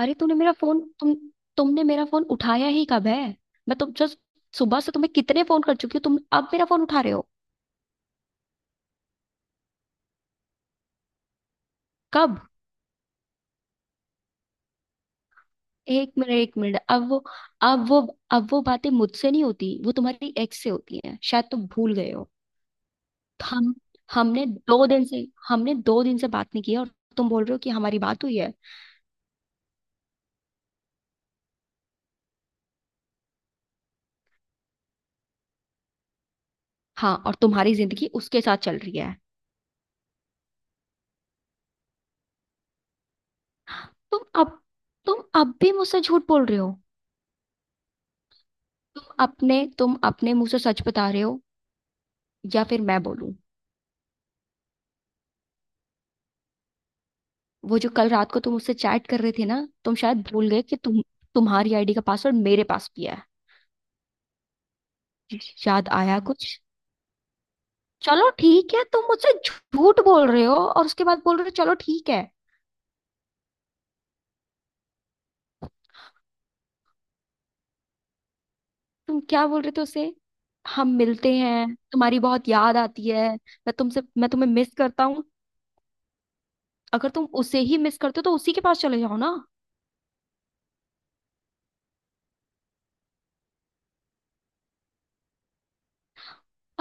अरे तूने मेरा फोन तुम तुमने मेरा फोन उठाया ही कब है? मैं तुम जस्ट सुबह से तुम्हें कितने फोन कर चुकी हूँ, तुम अब मेरा फोन उठा रहे हो। कब? एक मिनट, एक मिनट। अब वो अब वो बातें मुझसे नहीं होती, वो तुम्हारी एक्स से होती हैं। शायद तुम भूल गए हो। हम हमने दो दिन से हमने दो दिन से बात नहीं की है, और तुम बोल रहे हो कि हमारी बात हुई है। हाँ, और तुम्हारी जिंदगी उसके साथ चल रही है। तुम अब तुम अब भी मुझसे झूठ बोल रहे हो। तुम अपने मुंह से सच बता रहे हो, या फिर मैं बोलूं? वो जो कल रात को तुम उससे चैट कर रहे थे ना, तुम शायद भूल गए कि तुम्हारी आईडी का पासवर्ड मेरे पास भी है। याद आया कुछ? चलो ठीक है, तुम मुझसे झूठ बोल रहे हो और उसके बाद बोल रहे हो चलो ठीक है। तुम क्या बोल रहे थे उसे? हम मिलते हैं, तुम्हारी बहुत याद आती है। मैं तुम्हें मिस करता हूँ। अगर तुम उसे ही मिस करते हो तो उसी के पास चले जाओ ना।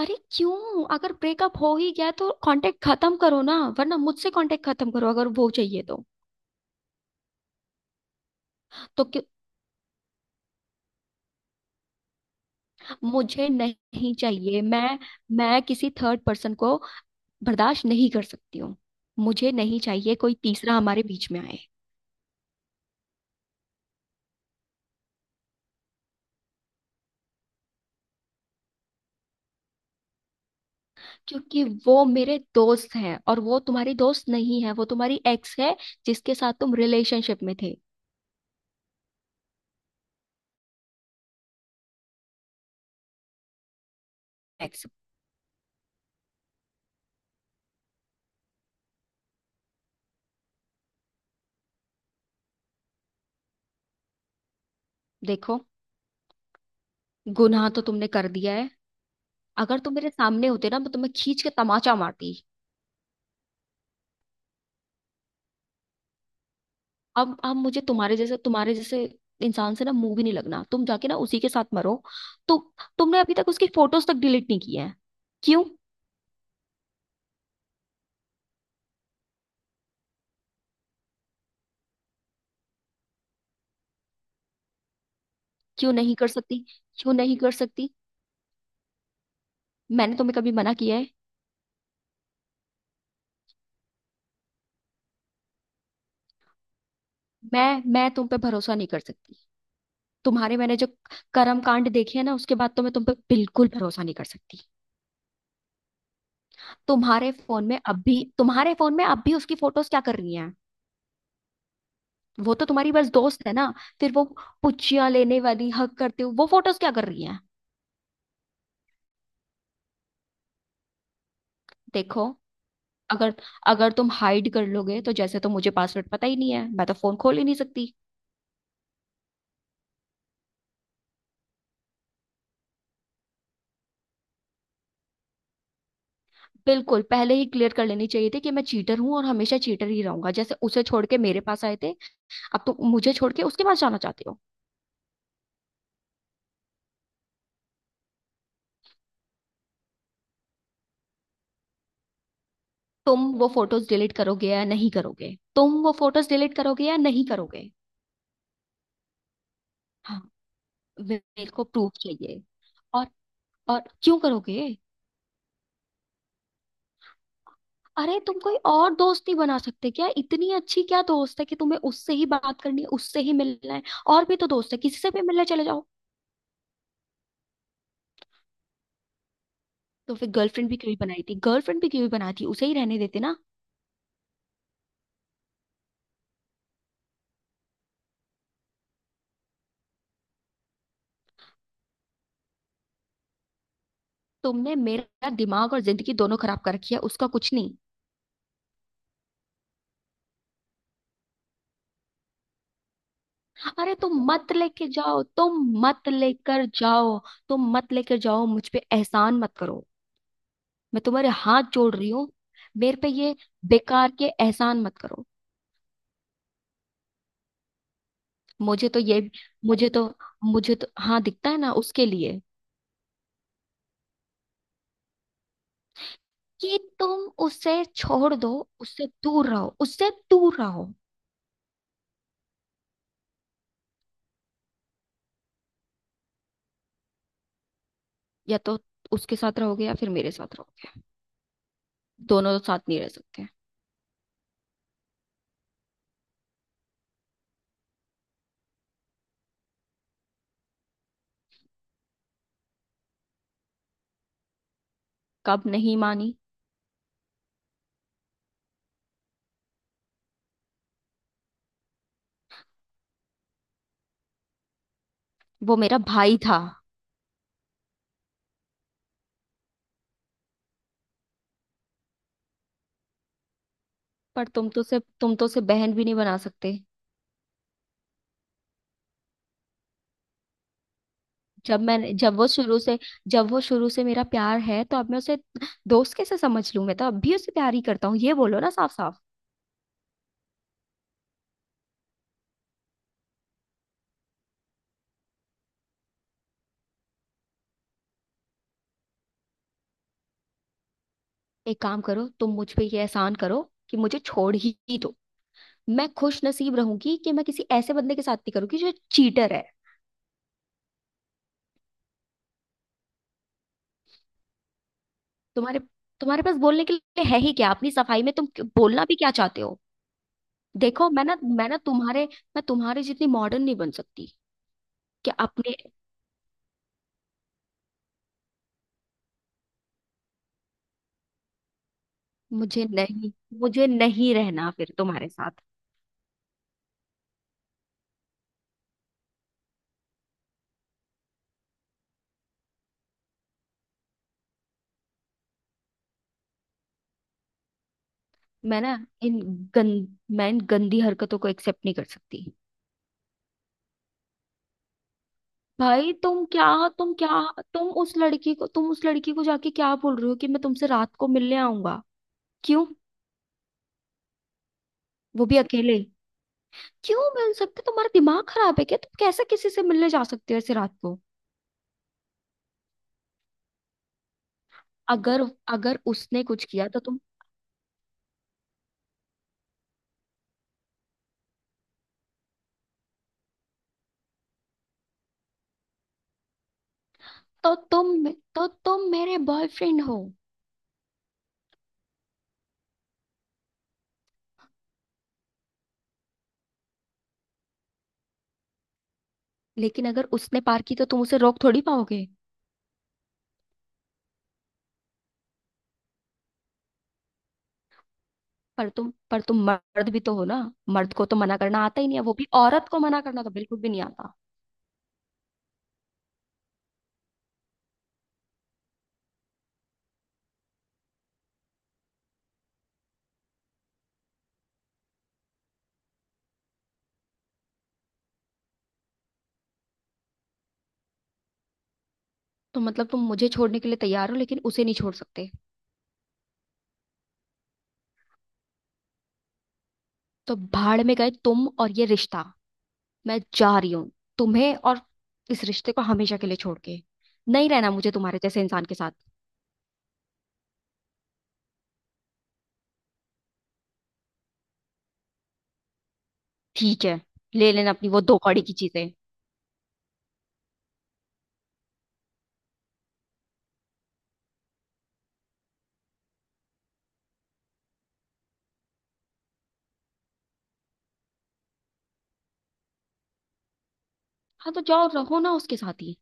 अरे क्यों? अगर ब्रेकअप हो ही गया है, तो कांटेक्ट खत्म करो ना, वरना मुझसे कांटेक्ट खत्म करो अगर वो चाहिए तो मुझे नहीं चाहिए। मैं किसी थर्ड पर्सन को बर्दाश्त नहीं कर सकती हूँ। मुझे नहीं चाहिए कोई तीसरा हमारे बीच में आए। क्योंकि वो मेरे दोस्त हैं, और वो तुम्हारी दोस्त नहीं है, वो तुम्हारी एक्स है जिसके साथ तुम रिलेशनशिप में थे। एक्स। देखो। गुनाह तो तुमने कर दिया है। अगर तुम मेरे सामने होते ना, मैं तुम्हें खींच के तमाचा मारती। अब मुझे तुम्हारे जैसे इंसान से ना मुंह भी नहीं लगना। तुम जाके ना उसी के साथ मरो। तो, तुमने अभी तक उसकी फोटोज तक डिलीट नहीं की है। क्यों? क्यों नहीं कर सकती? क्यों नहीं कर सकती? मैंने तुम्हें कभी मना किया है? मैं तुम पे भरोसा नहीं कर सकती। तुम्हारे, मैंने जो कर्म कांड देखे हैं ना, उसके बाद तो मैं तुम पे बिल्कुल भरोसा नहीं कर सकती। तुम्हारे फोन में अब भी उसकी फोटोज क्या कर रही हैं? वो तो तुम्हारी बस दोस्त है ना। फिर वो पुच्चियां लेने वाली हक करते हुए वो फोटोज क्या कर रही हैं? देखो। अगर अगर तुम हाइड कर लोगे तो जैसे, तो मुझे पासवर्ड पता ही नहीं है, मैं तो फोन खोल ही नहीं सकती। बिल्कुल पहले ही क्लियर कर लेनी चाहिए थी कि मैं चीटर हूं और हमेशा चीटर ही रहूंगा, जैसे उसे छोड़ के मेरे पास आए थे अब तुम मुझे छोड़ के उसके पास जाना चाहते हो। तुम वो फोटोज डिलीट करोगे या नहीं करोगे? तुम वो फोटोज डिलीट करोगे या नहीं करोगे? हाँ। मेरे को प्रूफ चाहिए। और और क्यों करोगे? अरे तुम कोई और दोस्त नहीं बना सकते क्या? इतनी अच्छी क्या दोस्त है कि तुम्हें उससे ही बात करनी है, उससे ही मिलना है? और भी तो दोस्त है, किसी से भी मिलने चले जाओ। तो फिर गर्लफ्रेंड भी क्यों ही बनाई थी? गर्लफ्रेंड भी क्यों ही बनाती? उसे ही रहने देते ना। तुमने मेरा दिमाग और जिंदगी दोनों खराब कर रखी है, उसका कुछ नहीं। अरे तुम मत लेके जाओ, तुम मत लेकर जाओ, तुम मत लेकर जाओ, मुझ पे एहसान मत करो। मैं तुम्हारे हाथ जोड़ रही हूँ। मेरे पे ये बेकार के एहसान मत करो। मुझे तो ये मुझे तो मुझे तो हाँ दिखता है ना उसके लिए। कि तुम उसे छोड़ दो, उससे दूर रहो, उससे दूर रहो। या तो उसके साथ रहोगे या फिर मेरे साथ रहोगे, दोनों तो साथ नहीं रह सकते। कब नहीं मानी? वो मेरा भाई था। पर तुम तो उसे बहन भी नहीं बना सकते। जब मैं जब वो शुरू से जब वो शुरू से मेरा प्यार है, तो अब मैं उसे दोस्त कैसे समझ लूं? मैं तो अब भी उसे प्यार ही करता हूँ, ये बोलो ना साफ साफ। एक काम करो, तुम मुझ पे ये एहसान करो कि मुझे छोड़ ही दो। मैं खुश नसीब रहूंगी कि मैं किसी ऐसे बंदे के साथ नहीं करूंगी जो चीटर है। तुम्हारे तुम्हारे पास बोलने के लिए है ही क्या अपनी सफाई में? बोलना भी क्या चाहते हो? देखो, मैं तुम्हारे जितनी मॉडर्न नहीं बन सकती। कि अपने मुझे नहीं मुझे नहीं रहना फिर तुम्हारे साथ। मैं ना इन मैं इन गंदी हरकतों को एक्सेप्ट नहीं कर सकती। भाई तुम क्या तुम उस लड़की को जाके क्या बोल रहे हो कि मैं तुमसे रात को मिलने आऊंगा? क्यों? वो भी अकेले? क्यों मिल सकते? तुम्हारा दिमाग खराब है क्या? तुम कैसे किसी से मिलने जा सकते हो ऐसे रात को? अगर अगर उसने कुछ किया तो तुम। तो तुम मेरे बॉयफ्रेंड हो। लेकिन अगर उसने पार की तो तुम उसे रोक थोड़ी पाओगे? पर तुम मर्द भी तो हो ना। मर्द को तो मना करना आता ही नहीं है, वो भी औरत को मना करना तो बिल्कुल भी नहीं आता। तो मतलब तुम मुझे छोड़ने के लिए तैयार हो, लेकिन उसे नहीं छोड़ सकते? तो भाड़ में गए तुम और ये रिश्ता। मैं जा रही हूँ तुम्हें और इस रिश्ते को हमेशा के लिए छोड़ के। नहीं रहना मुझे तुम्हारे जैसे इंसान के साथ। ठीक है, ले लेना अपनी वो दो कौड़ी की चीजें। हाँ, तो जाओ रहो ना उसके साथ ही।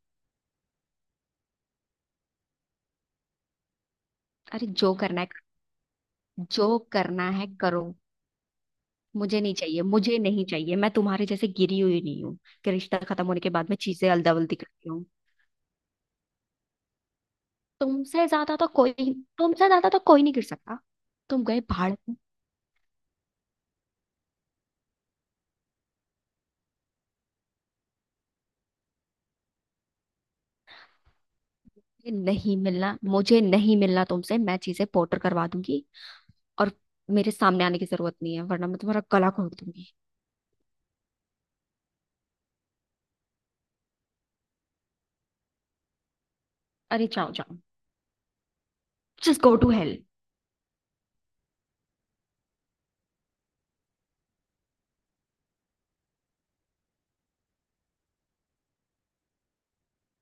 अरे जो करना है, जो करना है करो। मुझे नहीं चाहिए, मुझे नहीं चाहिए, मैं तुम्हारे जैसे गिरी हुई नहीं हूँ कि रिश्ता खत्म होने के बाद मैं चीजें अलदा बल्दी करती हूँ। तुमसे ज्यादा तो कोई नहीं गिर सकता। तुम गए भाड़ में। मुझे नहीं मिलना, मुझे नहीं मिलना तुमसे। मैं चीजें पोटर करवा दूंगी। और मेरे सामने आने की जरूरत नहीं है, वरना मैं तुम्हारा गला घोट दूंगी। अरे जाओ, जाओ। Just go to hell.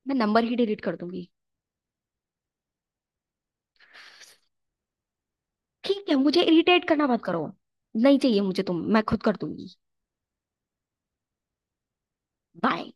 मैं नंबर ही डिलीट कर दूंगी। ठीक है, मुझे इरिटेट करना मत करो। नहीं चाहिए मुझे तुम। मैं खुद कर दूंगी। बाय।